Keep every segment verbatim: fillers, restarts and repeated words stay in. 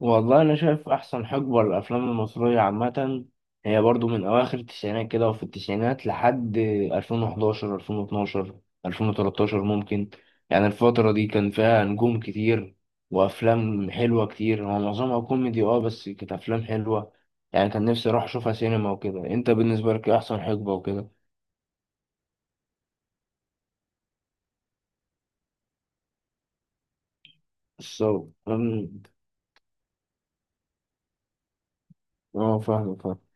والله أنا شايف أحسن حقبة للأفلام المصرية عامة هي برضو من أواخر التسعينات كده، وفي التسعينات لحد ألفين وحداشر ألفين واتناشر ألفين وتلتاشر ممكن. يعني الفترة دي كان فيها نجوم كتير، وأفلام حلوة كتير. هو معظمها كوميدي أه، بس كانت أفلام حلوة. يعني كان نفسي أروح أشوفها سينما وكده. أنت بالنسبة لك إيه أحسن حقبة وكده؟ الصوت. أه، فاهم فاهم.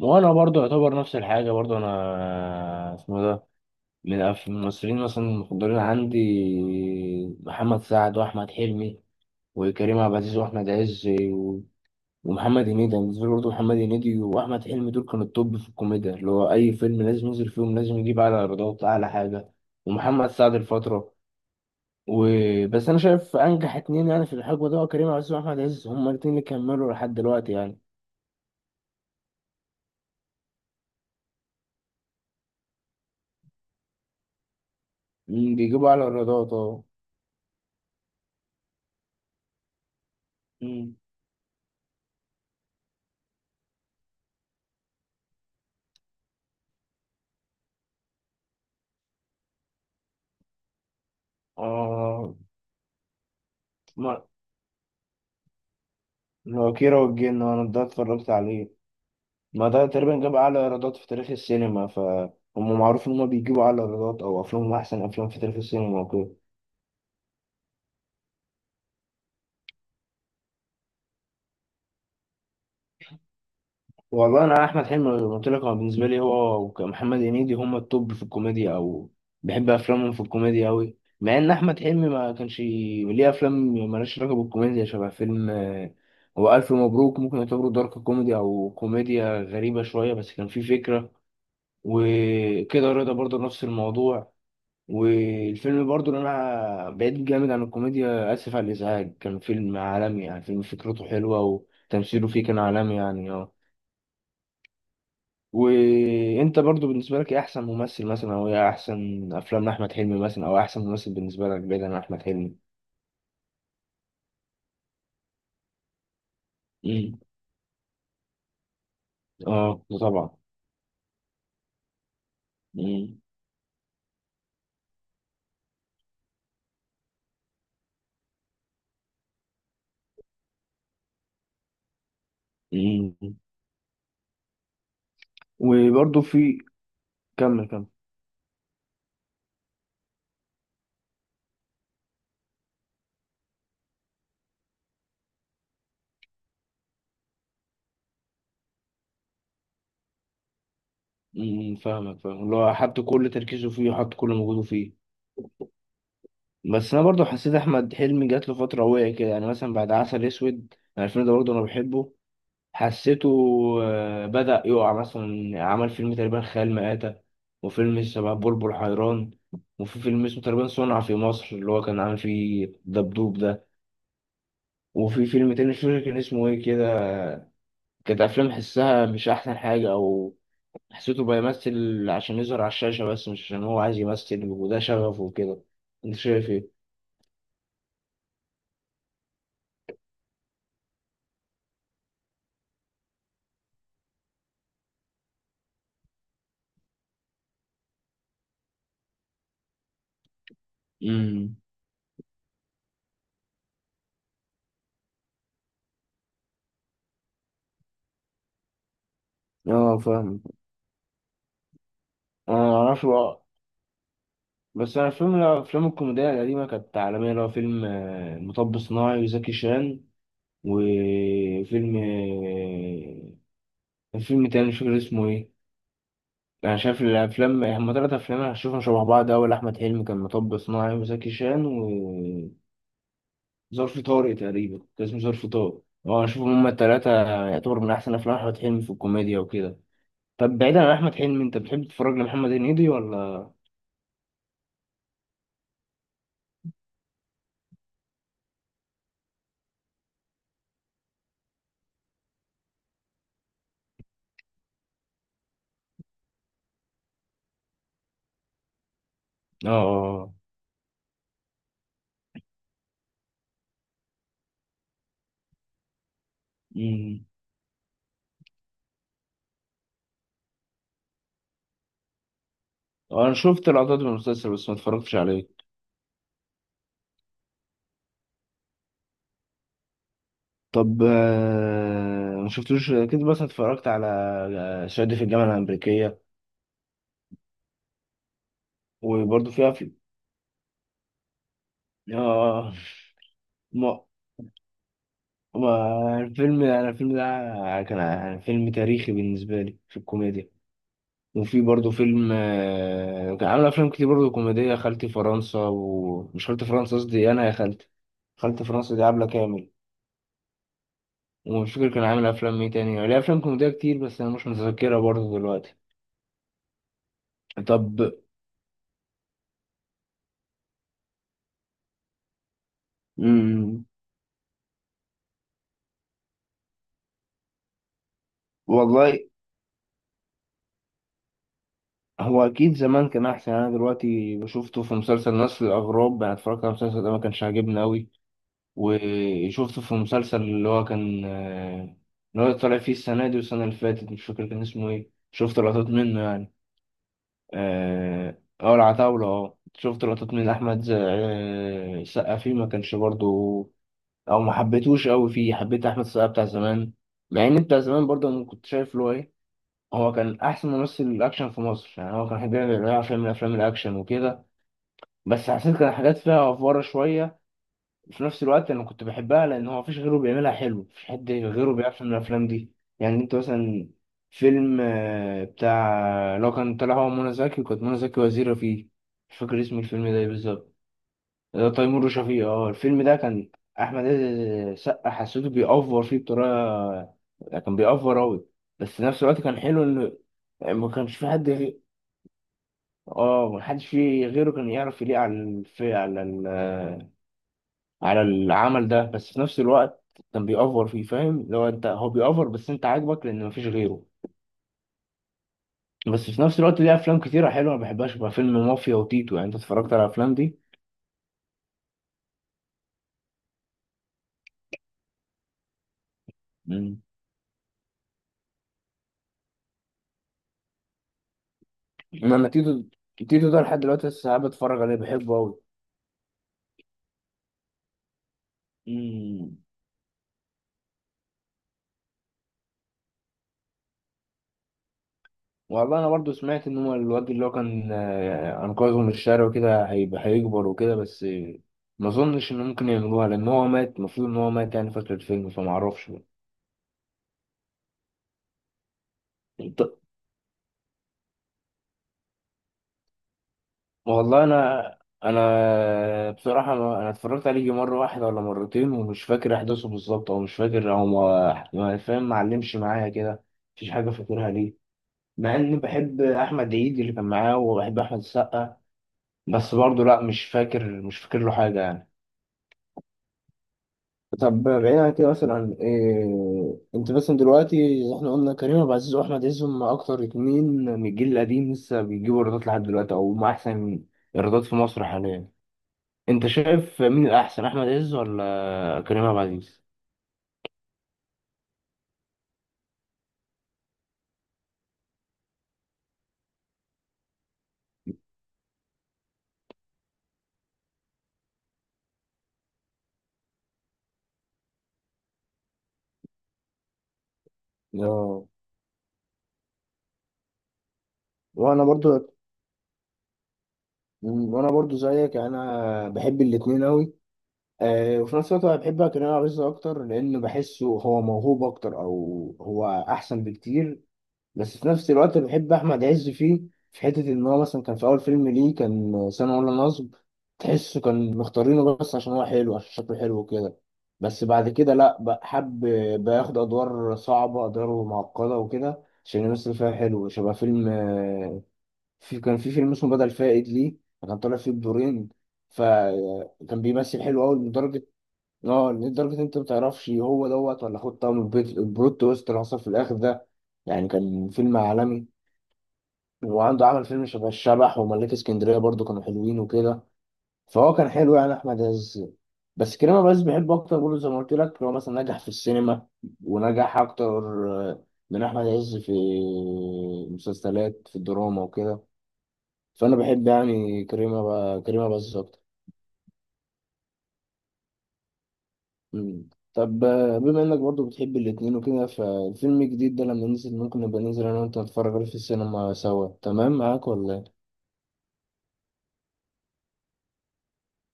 وأنا برضو يعتبر نفس الحاجة. برضو أنا اسمه ده، من أف- من الممثلين مثلا المفضلين عندي: محمد سعد، وأحمد حلمي، وكريم عبد العزيز، وأحمد عز، و- ومحمد هنيدي. أنا بالنسبة لي برضه محمد هنيدي وأحمد حلمي دول كانوا التوب في الكوميديا، اللي هو أي فيلم لازم ينزل فيهم لازم يجيب أعلى إيرادات، أعلى حاجة. ومحمد سعد الفترة. وبس أنا شايف أنجح اتنين يعني في الحقبة ده هو كريم عبد العزيز وأحمد عز. هما الاتنين اللي كملوا لحد دلوقتي يعني. مم، بيجيبوا أعلى إيرادات أه. مم. آه. ما- اللي هو كيرة والجن أنا ده اتفرجت عليه. ما ده تقريبا جاب أعلى إيرادات في تاريخ السينما، فهم معروف إن هما بيجيبوا أعلى إيرادات أو أفلامهم أحسن أفلام في تاريخ السينما وكده. والله، أنا أحمد حلمي زي ما قلت لك هو بالنسبة لي هو ومحمد هنيدي هما التوب في الكوميديا، أو بحب أفلامهم في الكوميديا أوي، مع إن أحمد حلمي ما كانش ليه أفلام مالهاش علاقة بالكوميديا، شبه فيلم آه، هو ألف مبروك، ممكن يعتبره دارك كوميدي أو كوميديا غريبة شوية، بس كان فيه فكرة. وكده رضا برضه نفس الموضوع. والفيلم برضو اللي انا بعيد جامد عن الكوميديا، اسف على الازعاج، كان فيلم عالمي. يعني فيلم فكرته حلوه وتمثيله فيه كان عالمي يعني. اه. وانت برضو بالنسبه لك ايه احسن ممثل مثلا، او ايه احسن افلام احمد حلمي مثلا، او احسن ممثل بالنسبه لك بعيد عن احمد حلمي؟ امم. اه، ده طبعا. امم. امم. وبرضو في. كمل، كمل. امم فاهمك، فاهم اللي هو حط كل تركيزه فيه وحط كل مجهوده فيه. بس انا برضو حسيت احمد حلمي جات له فتره وقع كده، يعني مثلا بعد عسل اسود، انا الفيلم ده برضو انا بحبه. حسيته آه، بدا يقع. مثلا عمل فيلم تقريبا خيال مآتة، وفيلم شبه بلبل حيران، وفي فيلم اسمه تقريبا صنع في مصر اللي هو كان عامل فيه دبدوب ده. وفي فيلم تاني مش فاكر كان اسمه ايه كده. كانت افلام حسها مش احسن حاجه، او حسيته بيمثل عشان يظهر على الشاشه بس مش عشان هو عايز يمثل وده شغفه وكده. انت شايف ايه؟ امم اه، فاهم. انا معرفش بقى. بس انا فيلم من الافلام الكوميديا القديمه كانت عالميه، اللي هو فيلم آه، مطب صناعي وزكي شان، وفيلم آه، فيلم تاني مش فاكر اسمه ايه. انا شايف الافلام هما تلات افلام انا هشوفهم شبه بعض. اول احمد حلمي كان مطب صناعي وزكي شان، وظرف طارق، تقريبا كان اسمه ظرف طارق، اه اشوفهم هما التلاتة. يعتبر من احسن افلام احمد حلمي في الكوميديا وكده. طب بعيدا عن احمد حلمي، انت بتحب تتفرج لمحمد هنيدي ولا؟ اه، اه، آه. مم. انا شفت لقطات من المسلسل، بس ما اتفرجتش عليه. طب آه، ما شفتوش كده، بس اتفرجت على آه، شادي في الجامعة الأمريكية. وبرضه فيها في. اه ما ما الفيلم، انا الفيلم ده كان فيلم تاريخي بالنسبة لي في الكوميديا. وفي برضه فيلم آه، كان عامل أفلام كتير برضه كوميدية. خالتي فرنسا، ومش خالتي فرنسا، قصدي أنا يا خالتي. خالتي فرنسا دي عبلة كامل. ومش فاكر كان عامل أفلام إيه تاني، ليه أفلام كوميدية كتير بس أنا مش متذكرها برضه دلوقتي. طب، امم والله هو اكيد زمان كان احسن. انا دلوقتي شفته في مسلسل نسل الاغراب، انا اتفرجت على المسلسل ده ما كانش عاجبني قوي. وشفته في مسلسل اللي هو كان آه، اللي هو طالع فيه السنه دي والسنه اللي فاتت، مش فاكر كان اسمه ايه، شفت لقطات منه يعني. اه، آه، العتاوله. اه، شفت لقطات من احمد ز- آه، السقا فيه، ما كانش برضو. او ما حبيتهوش قوي فيه. حبيت احمد السقا بتاع زمان. مع ان بتاع زمان برضه انا كنت شايف له ايه، هو كان احسن ممثل اكشن في مصر، يعني هو كان بيعمل بيعمل فيلم من افلام الاكشن وكده. بس حسيت كان حاجات فيها افواره شويه، في نفس الوقت انا كنت بحبها، لان هو مفيش غيره بيعملها حلو، مفيش حد غيره بيعرف يعمل الافلام دي. يعني انت مثلا فيلم آه، بتاع لو كان طلع هو منى زكي، وكانت منى زكي وزيره فيه. مش فاكر اسم الفيلم ده إيه بالظبط. تيمور وشفيقة، اه. الفيلم ده كان احمد عز سقا حسيته بيأفور فيه بطريقه، كان بيأفور اوي. بس في نفس الوقت كان حلو انه ما كانش في حد غير. اه، ما حدش فيه غيره كان يعرف يليق على الف... على ال... على العمل ده، بس في نفس الوقت كان بيأفور فيه. فاهم لو انت هو بيأفور، بس انت عاجبك لان مفيش غيره. بس في نفس الوقت ليه افلام كتيره حلوه، ما بحبهاش بقى فيلم مافيا وتيتو، يعني انت اتفرجت على الافلام دي؟ مم. انما تيتو. تيتو ده لحد دلوقتي لسه قاعد بتفرج عليه، بحبه قوي. مم. والله انا برضو سمعت ان هو الواد اللي هو كان آه، انقذه من الشارع وكده هيبقى هيكبر وكده، بس آه، ما اظنش ان ممكن يعملوها لان هو مات. المفروض ان هو مات يعني فترة الفيلم، فما اعرفش بقى. انت- والله انا انا بصراحة ما- انا اتفرجت عليه يجي مرة واحدة ولا مرتين، ومش فاكر احداثه بالظبط، او مش فاكر، او ما ما فاهم، معلمش معايا كده. مفيش حاجة فاكرها ليه. مع اني بحب احمد عيد اللي كان معاه وبحب احمد السقا، بس برضه لا، مش فاكر مش فاكر له حاجة يعني. طب بعيد عن كده، مثلا إيه، انت مثلا دلوقتي زي احنا قلنا كريم عبد العزيز واحمد عز هم اكتر اتنين من الجيل القديم لسه بيجيبوا ايرادات لحد دلوقتي، او هم احسن ايرادات في مصر حاليا. انت شايف مين الاحسن، احمد عز ولا كريم عبد العزيز؟ اه. وانا برضو وانا برضو زيك، انا بحب الاتنين قوي. أه. وفي نفس الوقت انا بحب كريم عبد العزيز اكتر، لان بحسه هو موهوب اكتر او هو احسن بكتير. بس في نفس الوقت بحب احمد عز، فيه في حته ان هو مثلا كان في اول فيلم ليه كان سنه ولا نصب تحسه كان مختارينه بس عشان هو حلو، عشان شكله حلو وكده. بس بعد كده لا، بقى حب بياخد ادوار صعبه، ادوار معقده وكده عشان يمثل فيها حلو، شبه فيلم. في كان في فيلم اسمه بدل فائد ليه، كان طالع فيه بدورين. فكان بيمثل حلو قوي لدرجه. اه، لدرجة إن انت ما تعرفش هو دوت ولا خد طعم البيت، البلوت تويست اللي حصل في الاخر ده، يعني كان فيلم عالمي. وعنده عمل فيلم شبه الشبح وملاك اسكندرية برضو، كانوا حلوين وكده. فهو كان حلو يعني احمد عز. بس كريم عبد العزيز بحبه اكتر برضه، زي ما قلت لك هو مثلا نجح في السينما، ونجح اكتر آه، من احمد عز في المسلسلات، في الدراما وكده. فانا بحب يعني كريم عب- كريم عبد العزيز اكتر. مم. طب آه، بما انك برضو بتحب الاتنين وكده، فالفيلم الجديد ده لما ننزل ممكن نبقى ننزل انا وانت نتفرج عليه في السينما سوا، تمام معاك ولا؟